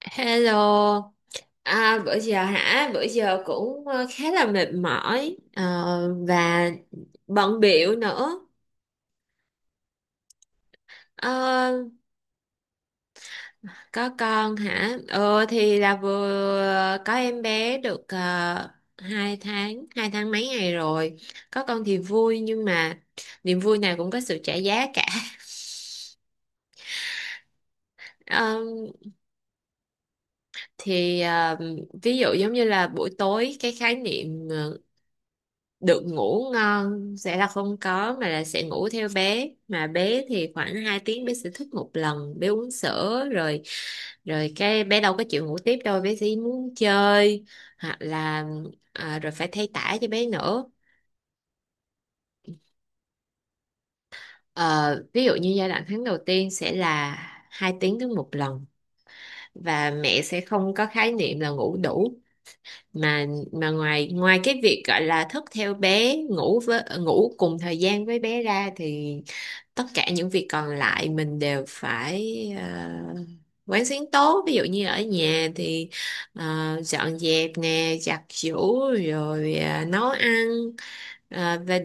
Hello. Bữa giờ hả? Bữa giờ cũng khá là mệt mỏi và bận bịu nữa. Ờ, có con hả? Ờ thì là vừa có em bé được 2 tháng, hai tháng mấy ngày rồi. Có con thì vui nhưng mà niềm vui nào cũng có sự trả giá cả. Ờ, thì ví dụ giống như là buổi tối cái khái niệm được ngủ ngon sẽ là không có mà là sẽ ngủ theo bé, mà bé thì khoảng 2 tiếng bé sẽ thức một lần, bé uống sữa rồi rồi bé đâu có chịu ngủ tiếp đâu, bé chỉ muốn chơi, hoặc là rồi phải thay tã cho bé nữa. Ờ, ví dụ như giai đoạn tháng đầu tiên sẽ là 2 tiếng đến một lần, và mẹ sẽ không có khái niệm là ngủ đủ, mà mà ngoài ngoài cái việc gọi là thức theo bé, ngủ với ngủ cùng thời gian với bé ra, thì tất cả những việc còn lại mình đều phải quán xuyến tốt. Ví dụ như ở nhà thì ờ, dọn dẹp nè, giặt giũ, rồi nấu ăn. Ờ, và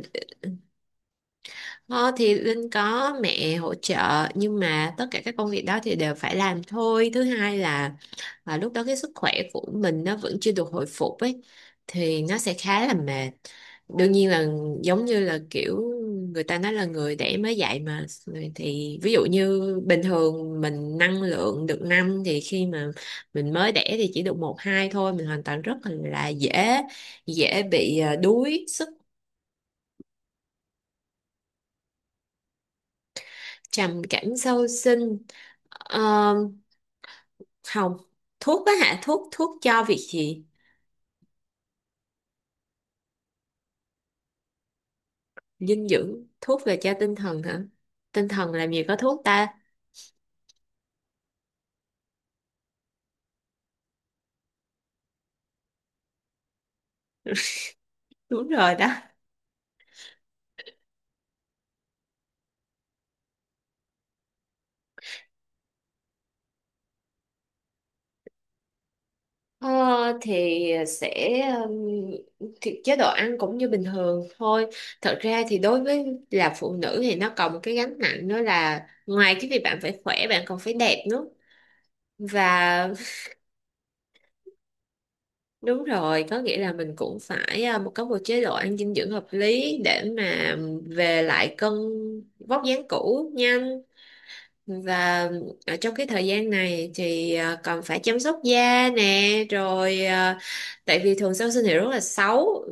ờ, thì Linh có mẹ hỗ trợ, nhưng mà tất cả các công việc đó thì đều phải làm thôi. Thứ hai là lúc đó cái sức khỏe của mình nó vẫn chưa được hồi phục ấy, thì nó sẽ khá là mệt. Đương nhiên là giống như là kiểu người ta nói là người đẻ mới dạy mà, thì ví dụ như bình thường mình năng lượng được năm, thì khi mà mình mới đẻ thì chỉ được một hai thôi, mình hoàn toàn rất là dễ dễ bị đuối sức. Trầm cảm sau sinh? Ờ, không. Thuốc á hả? Thuốc thuốc cho việc gì? Dinh dưỡng, thuốc là cho tinh thần hả? Tinh thần làm gì có thuốc ta. Đúng rồi đó. Ờ, thì sẽ um, thì chế độ ăn cũng như bình thường thôi. Thật ra thì đối với là phụ nữ thì nó còn một cái gánh nặng nữa, là ngoài cái việc bạn phải khỏe, bạn còn phải đẹp nữa. Và đúng rồi, có nghĩa là mình cũng phải có một chế độ ăn dinh dưỡng hợp lý để mà về lại cân vóc dáng cũ nhanh. Và ở trong cái thời gian này thì còn phải chăm sóc da nè, rồi tại vì thường sau sinh thì rất là xấu,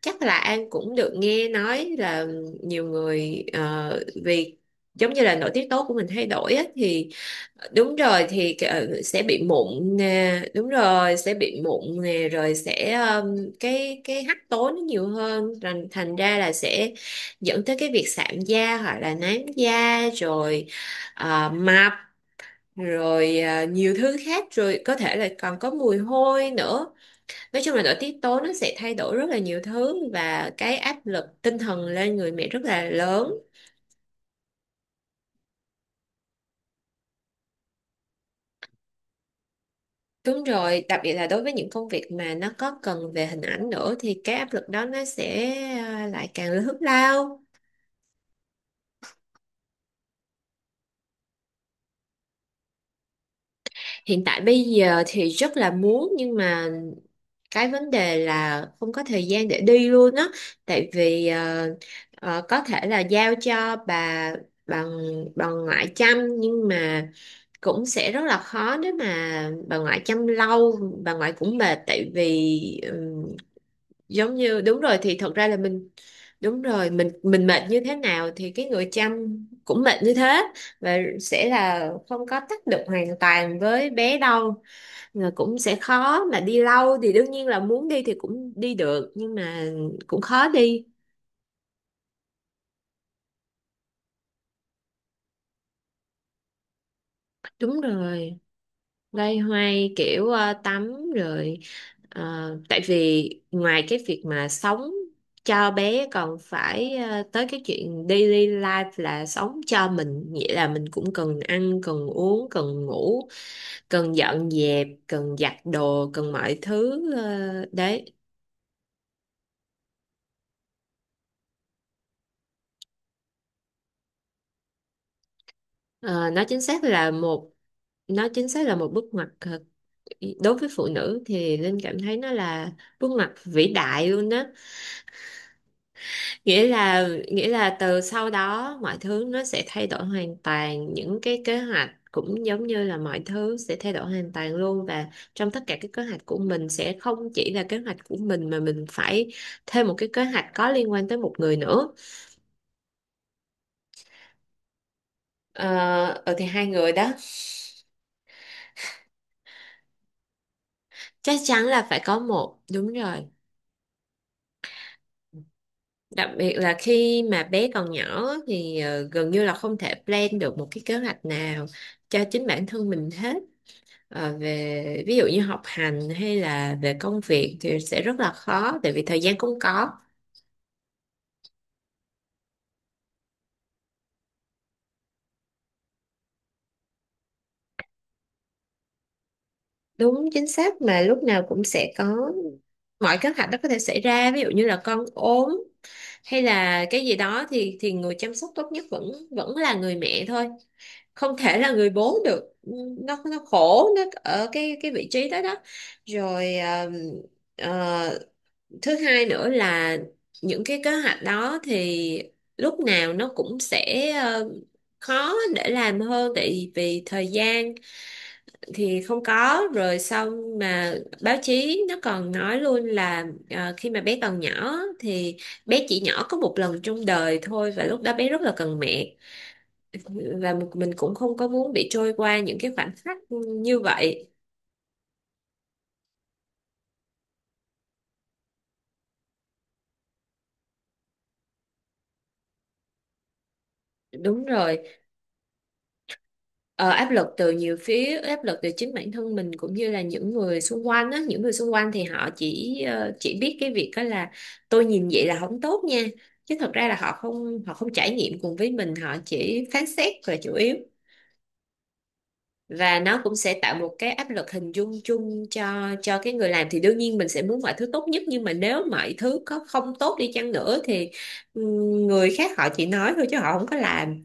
chắc là An cũng được nghe nói là nhiều người vì giống như là nội tiết tố của mình thay đổi á, thì đúng rồi, thì sẽ bị mụn nè, đúng rồi, sẽ bị mụn nè, rồi sẽ cái hắc tố nó nhiều hơn, thành thành ra là sẽ dẫn tới cái việc sạm da hoặc là nám da, rồi mập, rồi nhiều thứ khác, rồi có thể là còn có mùi hôi nữa. Nói chung là nội tiết tố nó sẽ thay đổi rất là nhiều thứ, và cái áp lực tinh thần lên người mẹ rất là lớn. Đúng rồi, đặc biệt là đối với những công việc mà nó có cần về hình ảnh nữa, thì cái áp lực đó nó sẽ lại càng lớn lao. Hiện tại bây giờ thì rất là muốn, nhưng mà cái vấn đề là không có thời gian để đi luôn á. Tại vì có thể là giao cho bà bà ngoại chăm, nhưng mà cũng sẽ rất là khó. Nếu mà bà ngoại chăm lâu, bà ngoại cũng mệt, tại vì giống như đúng rồi, thì thật ra là mình, đúng rồi, mình mệt như thế nào thì cái người chăm cũng mệt như thế, và sẽ là không có tác động hoàn toàn với bé đâu. Rồi cũng sẽ khó mà đi lâu, thì đương nhiên là muốn đi thì cũng đi được, nhưng mà cũng khó đi. Đúng rồi, loay hoay kiểu tắm rồi tại vì ngoài cái việc mà sống cho bé, còn phải tới cái chuyện daily life là sống cho mình, nghĩa là mình cũng cần ăn, cần uống, cần ngủ, cần dọn dẹp, cần giặt đồ, cần mọi thứ, đấy. Ờ, nó chính xác là một, nó chính xác là một bước ngoặt. Ờ, đối với phụ nữ thì Linh cảm thấy nó là bước ngoặt vĩ đại luôn đó. Nghĩa là từ sau đó mọi thứ nó sẽ thay đổi hoàn toàn, những cái kế hoạch cũng giống như là mọi thứ sẽ thay đổi hoàn toàn luôn, và trong tất cả các kế hoạch của mình sẽ không chỉ là kế hoạch của mình, mà mình phải thêm một cái kế hoạch có liên quan tới một người nữa. ờ ờ, thì hai người đó. Chắc chắn là phải có một, đúng rồi. Đặc biệt là khi mà bé còn nhỏ á, thì gần như là không thể plan được một cái kế hoạch nào cho chính bản thân mình hết. Ờ, về ví dụ như học hành hay là về công việc thì sẽ rất là khó, tại vì thời gian không có. Đúng chính xác, mà lúc nào cũng sẽ có, mọi kế hoạch đó có thể xảy ra, ví dụ như là con ốm hay là cái gì đó, thì người chăm sóc tốt nhất vẫn vẫn là người mẹ thôi, không thể là người bố được. Ừ, nó khổ nó ở cái vị trí đó đó. Rồi ờ, thứ hai nữa là những cái kế hoạch đó thì lúc nào nó cũng sẽ khó để làm hơn, tại vì thời gian thì không có. Rồi xong mà báo chí nó còn nói luôn là khi mà bé còn nhỏ thì bé chỉ nhỏ có một lần trong đời thôi, và lúc đó bé rất là cần mẹ, và mình cũng không có muốn bị trôi qua những cái khoảnh khắc như vậy. Đúng rồi, ờ, áp lực từ nhiều phía, áp lực từ chính bản thân mình cũng như là những người xung quanh á. Những người xung quanh thì họ chỉ chỉ biết cái việc đó là tôi nhìn vậy là không tốt nha, chứ thật ra là họ không trải nghiệm cùng với mình, họ chỉ phán xét là chủ yếu. Và nó cũng sẽ tạo một cái áp lực hình dung chung cho cái người làm, thì đương nhiên mình sẽ muốn mọi thứ tốt nhất, nhưng mà nếu mọi thứ có không tốt đi chăng nữa thì ừ, người khác họ chỉ nói thôi chứ họ không có làm.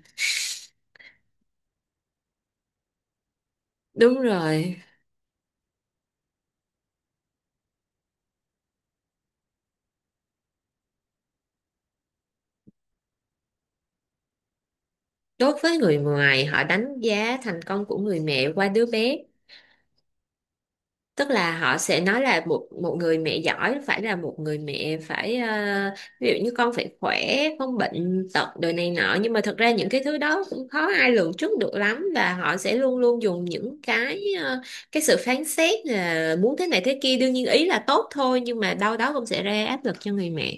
Đúng rồi, đối với người ngoài họ đánh giá thành công của người mẹ qua đứa bé, tức là họ sẽ nói là một một người mẹ giỏi phải là một người mẹ phải ví dụ như con phải khỏe, không bệnh tật đời này nọ, nhưng mà thật ra những cái thứ đó cũng khó ai lường trước được lắm. Và họ sẽ luôn luôn dùng những cái cái sự phán xét là muốn thế này thế kia, đương nhiên ý là tốt thôi, nhưng mà đâu đó cũng sẽ ra áp lực cho người mẹ.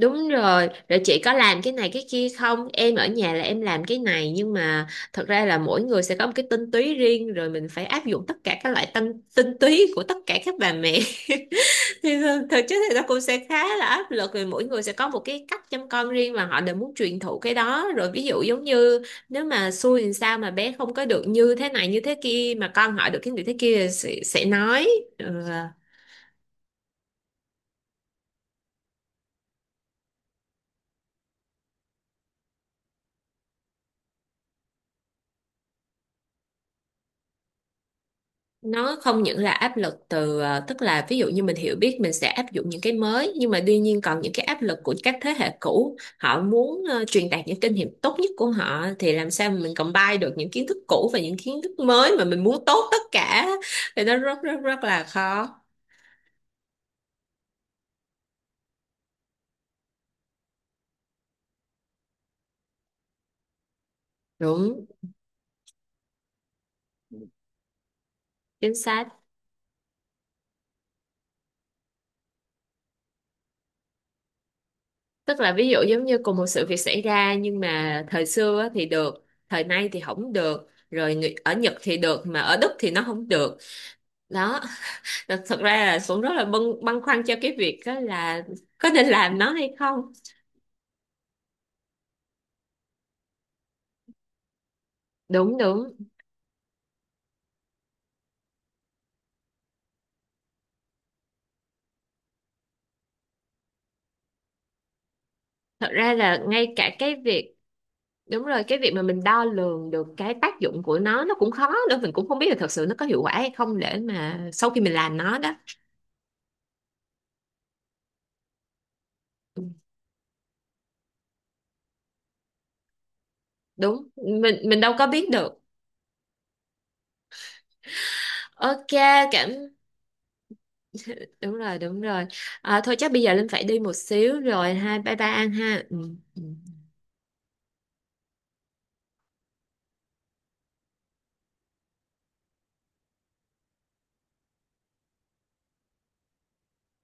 Đúng rồi, rồi chị có làm cái này cái kia không? Em ở nhà là em làm cái này, nhưng mà thật ra là mỗi người sẽ có một cái tinh túy riêng, rồi mình phải áp dụng tất cả các loại tinh túy của tất cả các bà mẹ. Thì thực chất thì nó cũng sẽ khá là áp lực, vì mỗi người sẽ có một cái cách chăm con riêng mà họ đều muốn truyền thụ cái đó. Rồi ví dụ giống như nếu mà xui thì sao mà bé không có được như thế này như thế kia, mà con hỏi được cái này thế kia thì sẽ nói. Ừ. Nó không những là áp lực từ ờ, tức là ví dụ như mình hiểu biết mình sẽ áp dụng những cái mới, nhưng mà tuy nhiên còn những cái áp lực của các thế hệ cũ, họ muốn truyền đạt những kinh nghiệm tốt nhất của họ, thì làm sao mà mình combine được những kiến thức cũ và những kiến thức mới mà mình muốn tốt tất cả, thì nó rất rất rất là khó. Đúng chính xác, tức là ví dụ giống như cùng một sự việc xảy ra, nhưng mà thời xưa á thì được, thời nay thì không được, rồi ở Nhật thì được mà ở Đức thì nó không được, đó. Thật ra là Xuân rất là băn khoăn cho cái việc đó là có nên làm nó hay không. Đúng đúng. Thật ra là ngay cả cái việc, đúng rồi, cái việc mà mình đo lường được cái tác dụng của nó cũng khó nữa, mình cũng không biết là thật sự nó có hiệu quả hay không, để mà sau khi mình làm nó đó. Đúng, mình đâu có biết được. Ok. cảm Đúng rồi, đúng rồi. À, thôi chắc bây giờ Linh phải đi một xíu rồi ha, bye bye An ha. Ừ. Ừ.